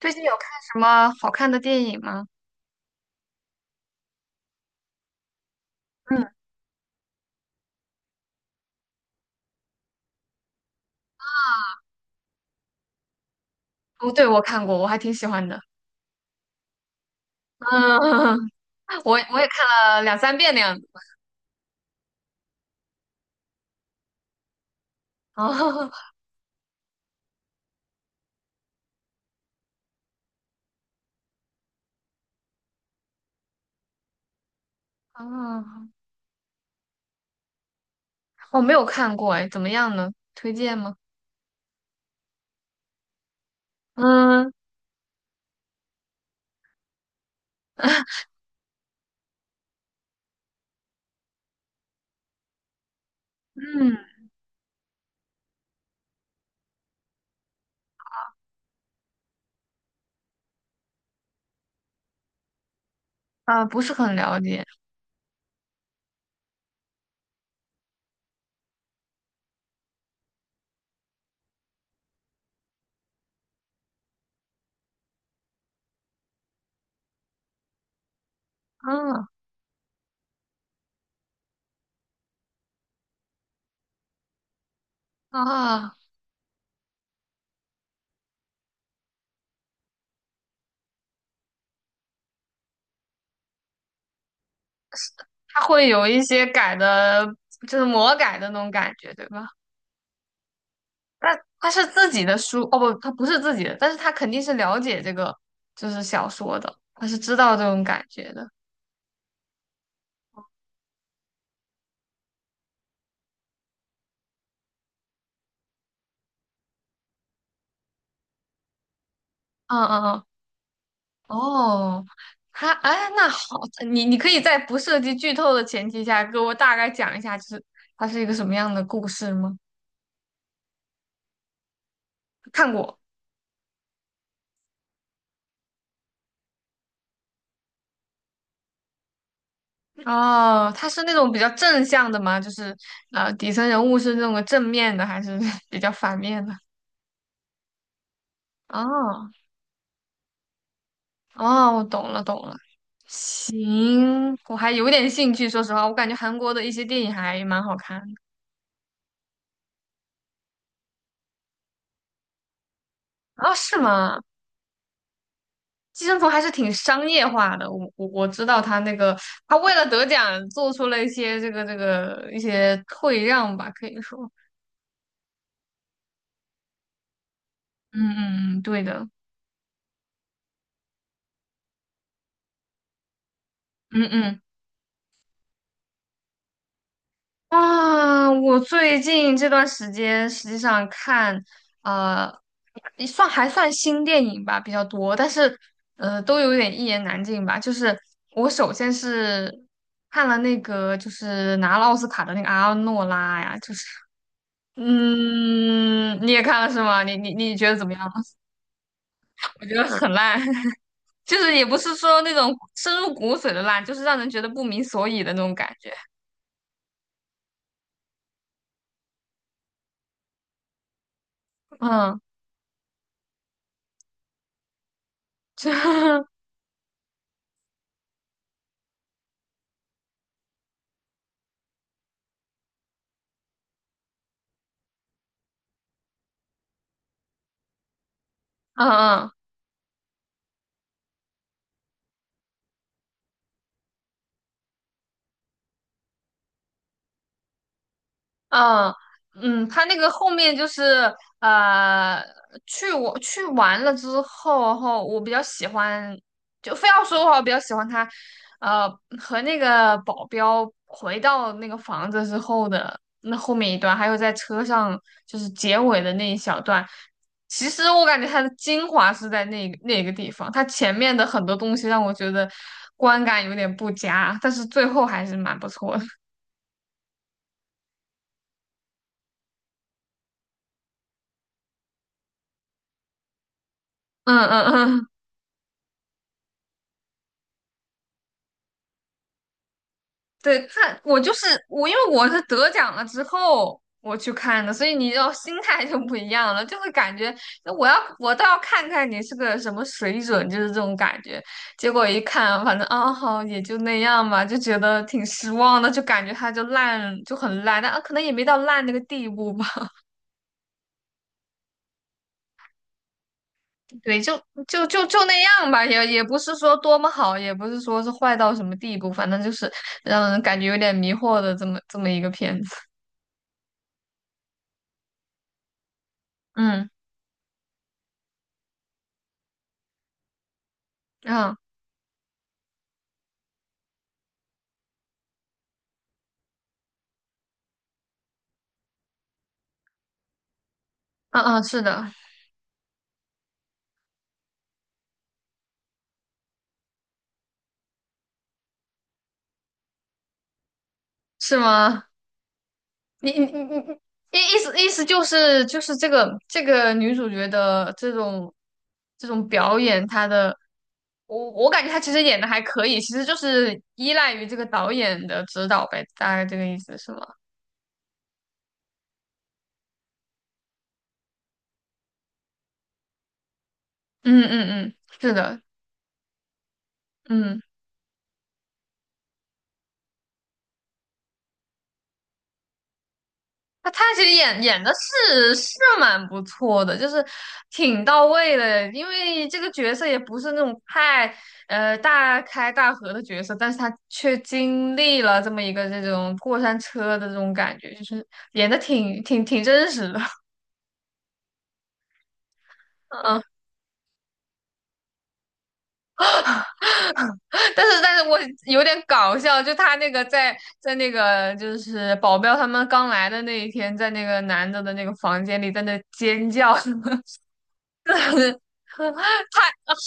最近有看什么好看的电影吗？嗯，啊，哦，对，我看过，我还挺喜欢的。嗯，我也看了两三遍那样子。哦。哦，我没有看过，哎，怎么样呢？推荐吗？嗯嗯，啊，不是很了解。嗯，啊，他会有一些改的，就是魔改的那种感觉，对吧？但他是自己的书，哦不，他不是自己的，但是他肯定是了解这个就是小说的，他是知道这种感觉的。嗯嗯嗯。哦，他哎，那好，你可以在不涉及剧透的前提下，给我大概讲一下，就是它是一个什么样的故事吗？看过。哦，它是那种比较正向的吗？就是底层人物是那种正面的，还是 比较反面的？哦哦，我懂了懂了，行，我还有点兴趣，说实话，我感觉韩国的一些电影还蛮好看的。哦，是吗？寄生虫还是挺商业化的，我知道他那个，他为了得奖做出了一些这个一些退让吧，可以说，嗯嗯嗯，对的，嗯嗯。啊，我最近这段时间实际上看，呃，也算还算新电影吧比较多，但是都有点一言难尽吧。就是我首先是看了那个就是拿了奥斯卡的那个阿诺拉呀，就是嗯，你也看了是吗？你觉得怎么样？我觉得很烂，就是也不是说那种深入骨髓的烂，就是让人觉得不明所以的那种感觉。嗯，就 嗯嗯。嗯嗯，他那个后面就是呃，去完了之后，后我比较喜欢，就非要说的话，我比较喜欢他，呃，和那个保镖回到那个房子之后的那后面一段，还有在车上就是结尾的那一小段。其实我感觉它的精华是在那个地方，它前面的很多东西让我觉得观感有点不佳，但是最后还是蛮不错的。嗯嗯嗯。对他，我就是我，因为我是得奖了之后我去看的，所以你要心态就不一样了，就会感觉我倒要看看你是个什么水准，就是这种感觉。结果一看，反正啊好也就那样吧，就觉得挺失望的，就感觉它就烂就很烂，但啊可能也没到烂那个地步吧。对，就那样吧，也也不是说多么好，也不是说是坏到什么地步，反正就是让人感觉有点迷惑的这么一个片子。嗯。啊。啊，是的，是吗？你意思就是这个女主角的这种表演，她的我感觉她其实演的还可以，其实就是依赖于这个导演的指导呗，大概这个意思是吗？嗯嗯嗯，是的，嗯。他其实演的是蛮不错的，就是挺到位的，因为这个角色也不是那种太大开大合的角色，但是他却经历了这么一个这种过山车的这种感觉，就是演的挺真实的，嗯，但是我有点搞笑，就他那个在那个就是保镖他们刚来的那一天，在那个男的的那个房间里在那尖叫什么。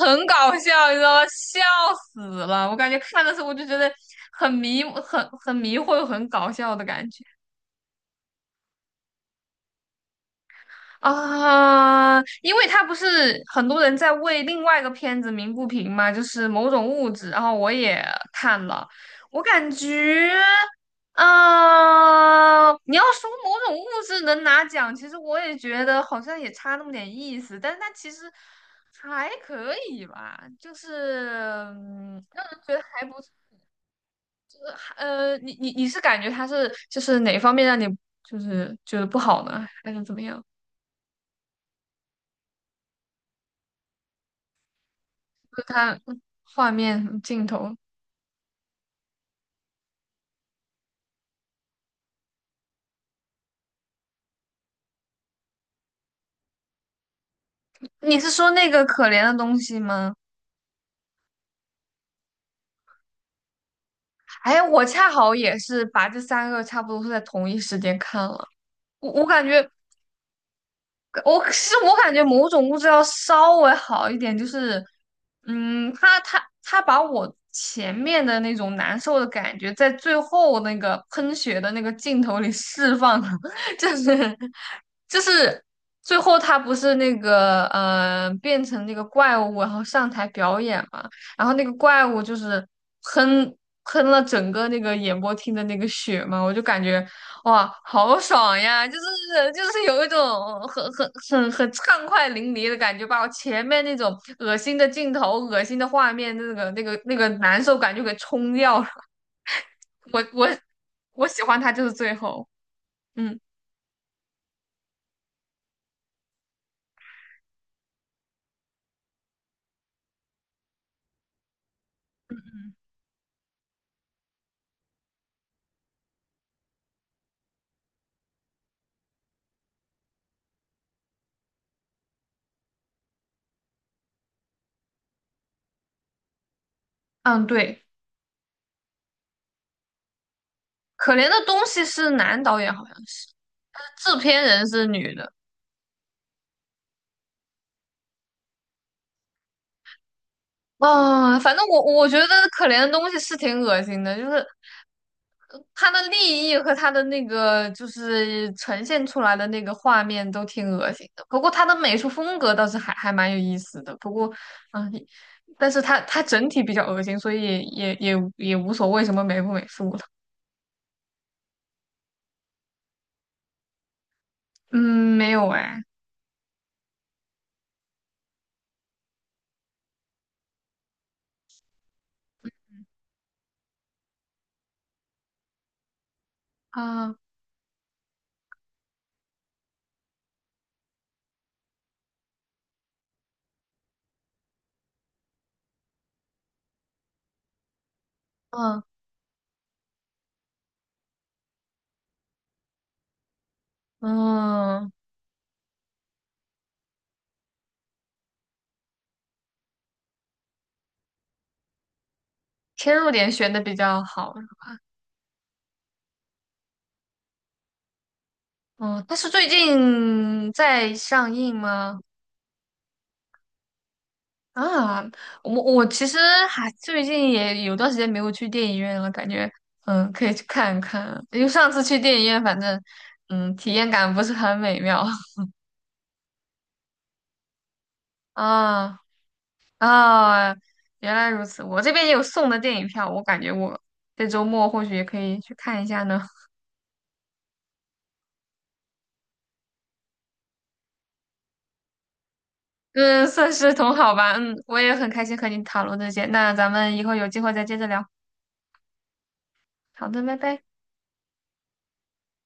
很搞笑，你知道吗？笑死了！我感觉看的时候我就觉得很迷，很迷惑，很搞笑的感觉。啊，因为他不是很多人在为另外一个片子鸣不平嘛，就是某种物质，然后我也看了，我感觉，嗯、你要说某种物质能拿奖，其实我也觉得好像也差那么点意思，但是它其实还可以吧，就是让人觉得还不错。你是感觉它是就是哪方面让你就是觉得不好呢，还是怎么样？看画面镜头。你是说那个可怜的东西吗？哎，我恰好也是把这三个差不多是在同一时间看了。我我感觉我感觉某种物质要稍微好一点，就是，嗯，他把我前面的那种难受的感觉，在最后那个喷血的那个镜头里 释放了，就是就是最后他不是那个变成那个怪物，然后上台表演嘛，然后那个怪物就是喷喷了整个那个演播厅的那个血嘛，我就感觉哇，好爽呀！有一种很畅快淋漓的感觉，把我前面那种恶心的镜头、恶心的画面、那个难受感就给冲掉了。我我我喜欢他就是最后，嗯嗯，对，可怜的东西是男导演好像是，但是制片人是女的。啊，反正我觉得可怜的东西是挺恶心的，就是它的利益和它的那个就是呈现出来的那个画面都挺恶心的，不过它的美术风格倒是还蛮有意思的。不过，嗯，但是它整体比较恶心，所以也无所谓什么美不美术了。嗯，没有哎，啊，嗯嗯，切入点选的比较好。嗯，它是最近在上映吗？啊，我其实还最近也有段时间没有去电影院了，感觉可以去看一看，因为上次去电影院，反正体验感不是很美妙。 啊啊，原来如此，我这边也有送的电影票，我感觉我这周末或许也可以去看一下呢。嗯，算是同好吧，嗯，我也很开心和你讨论这些，那咱们以后有机会再接着聊。好的，拜拜。